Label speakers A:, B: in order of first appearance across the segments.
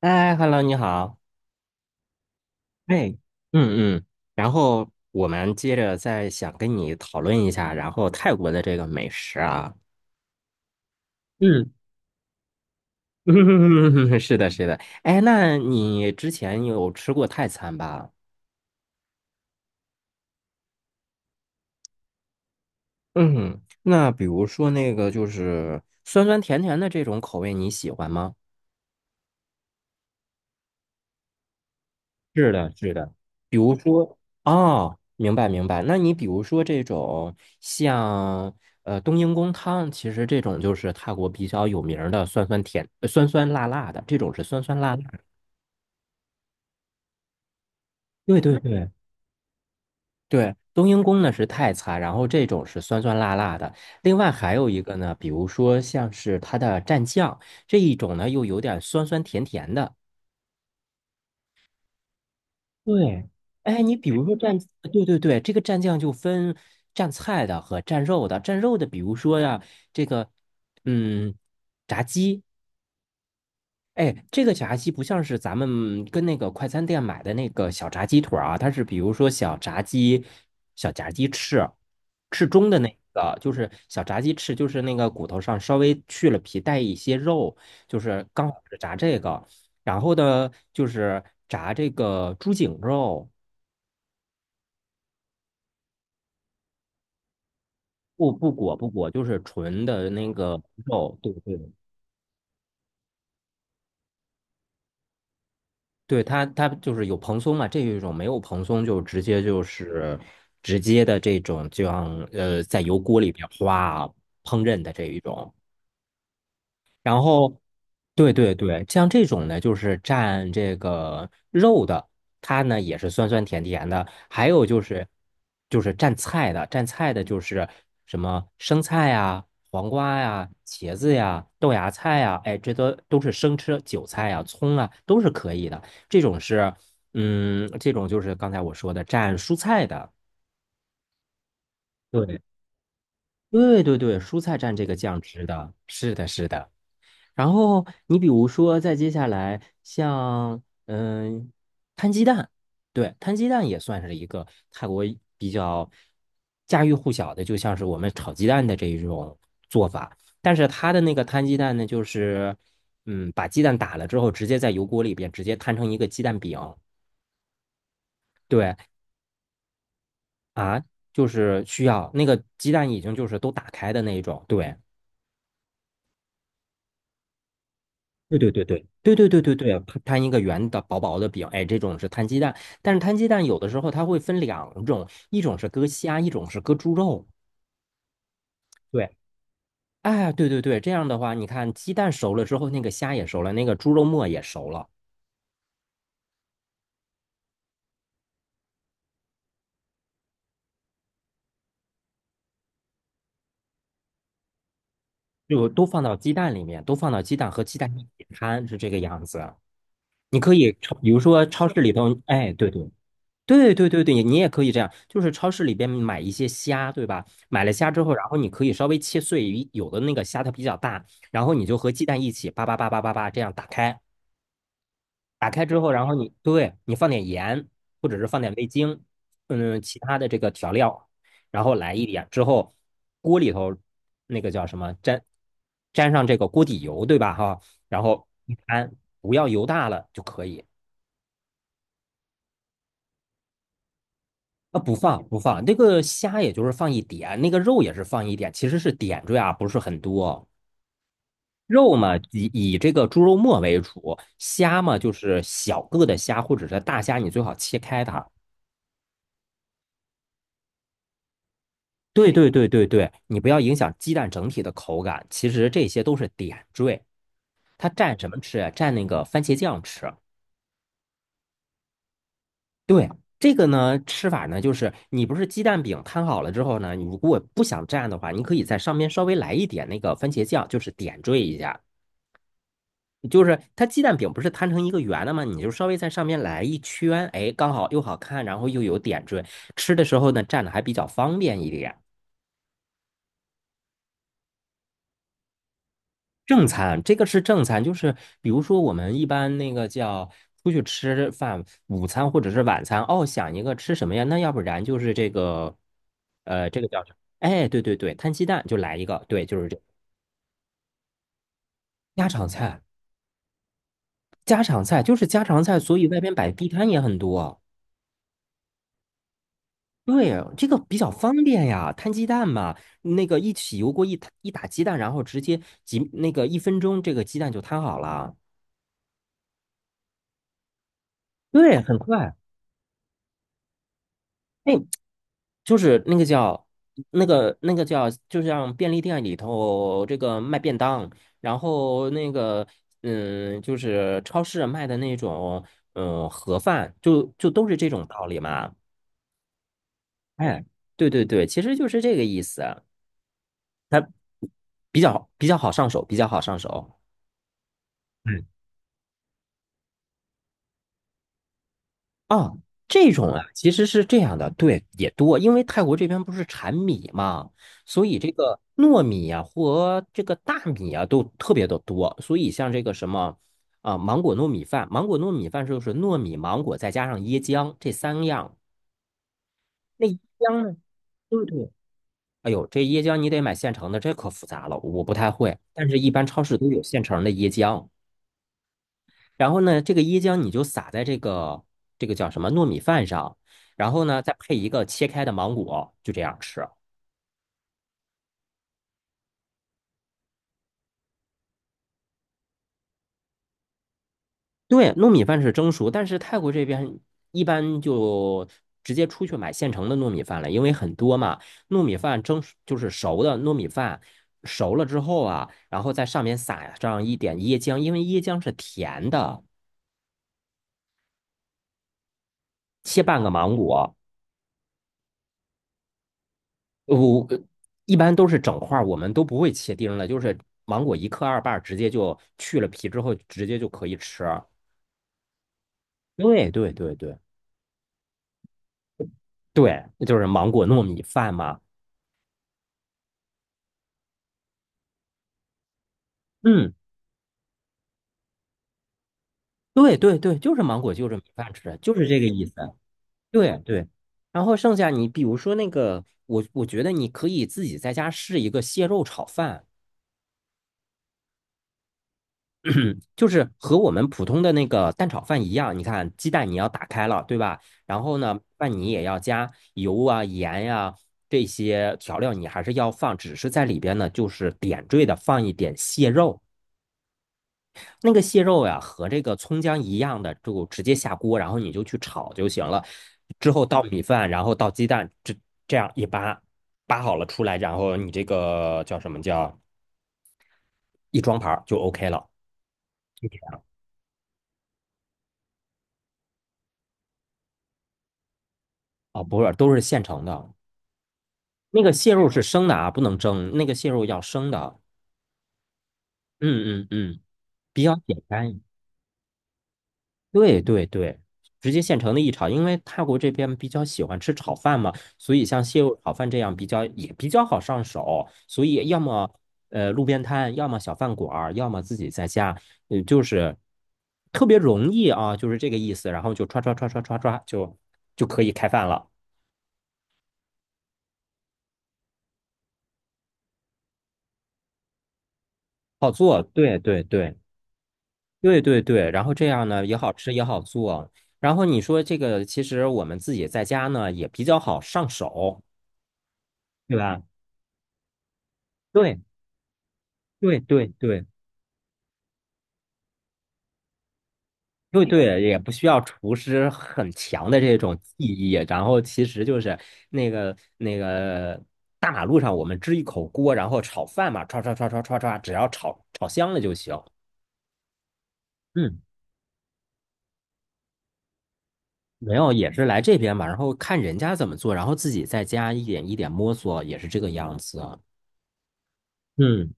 A: 哎，Hello，你好。哎，嗯嗯，然后我们接着再想跟你讨论一下，然后泰国的这个美食啊。嗯，是的，是的。哎，那你之前有吃过泰餐吧？嗯，那比如说那个就是酸酸甜甜的这种口味，你喜欢吗？是的，是的，比如说，哦，明白明白。那你比如说这种像冬阴功汤，其实这种就是泰国比较有名儿的酸酸辣辣的，这种是酸酸辣辣的。对对对对。冬阴功呢是泰餐，然后这种是酸酸辣辣的。另外还有一个呢，比如说像是它的蘸酱这一种呢，又有点酸酸甜甜的。对，哎，你比如说蘸，对对对，这个蘸酱就分蘸菜的和蘸肉的。蘸肉的，比如说呀，这个嗯，炸鸡，哎，这个炸鸡不像是咱们跟那个快餐店买的那个小炸鸡腿儿啊，它是比如说小炸鸡、小炸鸡翅，翅中的那个就是小炸鸡翅，就是那个骨头上稍微去了皮，带一些肉，就是刚好是炸这个。然后呢，就是炸这个猪颈肉。不裹，就是纯的那个肉，对对对，它就是有蓬松嘛，这一种没有蓬松就直接就是直接的这种，就像在油锅里边哗烹饪的这一种。然后，对对对，像这种呢，就是蘸这个肉的，它呢也是酸酸甜甜的。还有就是蘸菜的，蘸菜的就是什么生菜呀、黄瓜呀、茄子呀、豆芽菜呀，哎，这都是生吃，韭菜呀、葱啊都是可以的。这种是，这种就是刚才我说的蘸蔬菜的。对对对对，蔬菜蘸这个酱汁的，是的，是的。然后你比如说，再接下来像摊鸡蛋，对，摊鸡蛋也算是一个泰国比较家喻户晓的，就像是我们炒鸡蛋的这一种做法。但是它的那个摊鸡蛋呢，就是把鸡蛋打了之后，直接在油锅里边直接摊成一个鸡蛋饼。对啊，就是需要那个鸡蛋已经就是都打开的那一种，对。对对对对对对对对对啊，摊一个圆的薄薄的饼，哎，这种是摊鸡蛋，但是摊鸡蛋有的时候它会分两种，一种是搁虾，一种是搁猪肉。对，哎，对对对，这样的话，你看鸡蛋熟了之后，那个虾也熟了，那个猪肉末也熟了，就都放到鸡蛋里面，都放到鸡蛋和鸡蛋一起摊，是这个样子啊。你可以超，比如说超市里头，哎，对对对对对对，你也可以这样，就是超市里边买一些虾，对吧？买了虾之后，然后你可以稍微切碎，有的那个虾它比较大，然后你就和鸡蛋一起叭叭叭叭叭叭这样打开，打开之后，然后你放点盐，或者是放点味精，其他的这个调料，然后来一点之后，锅里头那个叫什么沾上这个锅底油，对吧？哈，然后一摊，不要油大了就可以。啊，不放不放，那个虾也就是放一点，那个肉也是放一点，其实是点缀啊，不是很多。肉嘛，以这个猪肉末为主，虾嘛就是小个的虾或者是大虾，你最好切开它。对对对对对，你不要影响鸡蛋整体的口感。其实这些都是点缀，它蘸什么吃啊？蘸那个番茄酱吃。对，这个呢，吃法呢，就是你不是鸡蛋饼摊好了之后呢，你如果不想蘸的话，你可以在上面稍微来一点那个番茄酱，就是点缀一下。就是它鸡蛋饼不是摊成一个圆的吗？你就稍微在上面来一圈，哎，刚好又好看，然后又有点缀，吃的时候呢蘸着还比较方便一点。正餐，这个是正餐，就是比如说我们一般那个叫出去吃饭，午餐或者是晚餐，哦，想一个吃什么呀？那要不然就是这个，这个叫什么？哎，对对对，摊鸡蛋就来一个，对，就是这个家常菜，家常菜就是家常菜，所以外边摆地摊也很多。对，这个比较方便呀，摊鸡蛋嘛，那个一起油锅一摊一打鸡蛋，然后直接那个一分钟，这个鸡蛋就摊好了。对，很快。哎，就是那个叫那个叫，就像便利店里头这个卖便当，然后那个就是超市卖的那种盒饭，就都是这种道理嘛。哎，对对对，其实就是这个意思，它比较好上手，比较好上手。嗯。啊，这种啊，其实是这样的，对，也多，因为泰国这边不是产米嘛，所以这个糯米啊和这个大米啊都特别的多，所以像这个什么啊、芒果糯米饭，芒果糯米饭就是糯米、芒果再加上椰浆这三样，那椰浆呢？对对。哎呦，这椰浆你得买现成的，这可复杂了，我不太会，但是一般超市都有现成的椰浆。然后呢，这个椰浆你就撒在这个叫什么糯米饭上，然后呢，再配一个切开的芒果，就这样吃。对，糯米饭是蒸熟，但是泰国这边一般就直接出去买现成的糯米饭了，因为很多嘛，糯米饭蒸熟就是熟的糯米饭，熟了之后啊，然后在上面撒上一点椰浆，因为椰浆是甜的，切半个芒果，我一般都是整块儿，我们都不会切丁的，就是芒果一克二瓣儿，直接就去了皮之后，直接就可以吃啊。对对对对对，就是芒果糯米饭嘛。嗯，对对对，就是芒果就着米饭吃，就是这个意思。对对，然后剩下你比如说那个，我觉得你可以自己在家试一个蟹肉炒饭。嗯，就是和我们普通的那个蛋炒饭一样，你看鸡蛋你要打开了，对吧？然后呢，饭你也要加油啊、盐呀、这些调料，你还是要放，只是在里边呢，就是点缀的放一点蟹肉。那个蟹肉呀、和这个葱姜一样的，就直接下锅，然后你就去炒就行了。之后倒米饭，然后倒鸡蛋，这样一扒扒好了出来，然后你这个叫什么叫一装盘儿就 OK 了。啊、不是，都是现成的。那个蟹肉是生的啊，不能蒸，那个蟹肉要生的。嗯嗯嗯，比较简单。对对对，直接现成的一炒，因为泰国这边比较喜欢吃炒饭嘛，所以像蟹肉炒饭这样比较也比较好上手，所以要么路边摊，要么小饭馆儿，要么自己在家，嗯、就是特别容易啊，就是这个意思，然后就刷刷刷刷刷刷就可以开饭了，好做。对对对，对对对，然后这样呢也好吃也好做，然后你说这个其实我们自己在家呢也比较好上手，对吧？对对对对对对，也不需要厨师很强的这种技艺，然后其实就是那个大马路上我们支一口锅，然后炒饭嘛，唰唰唰唰唰唰，只要炒炒香了就行。嗯，没有，也是来这边嘛，然后看人家怎么做，然后自己在家一点一点摸索，也是这个样子啊。嗯。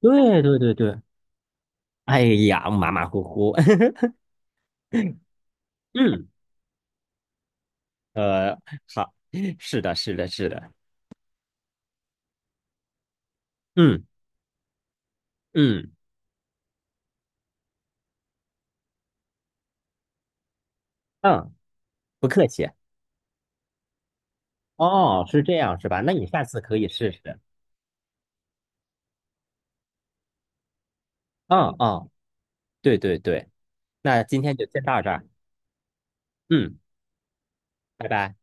A: 对对对对，哎呀，马马虎虎，嗯，呃，好，是的，是的，是的，嗯嗯嗯，不客气。哦，是这样是吧？那你下次可以试试。嗯嗯，对对对，那今天就先到这儿，嗯，拜拜。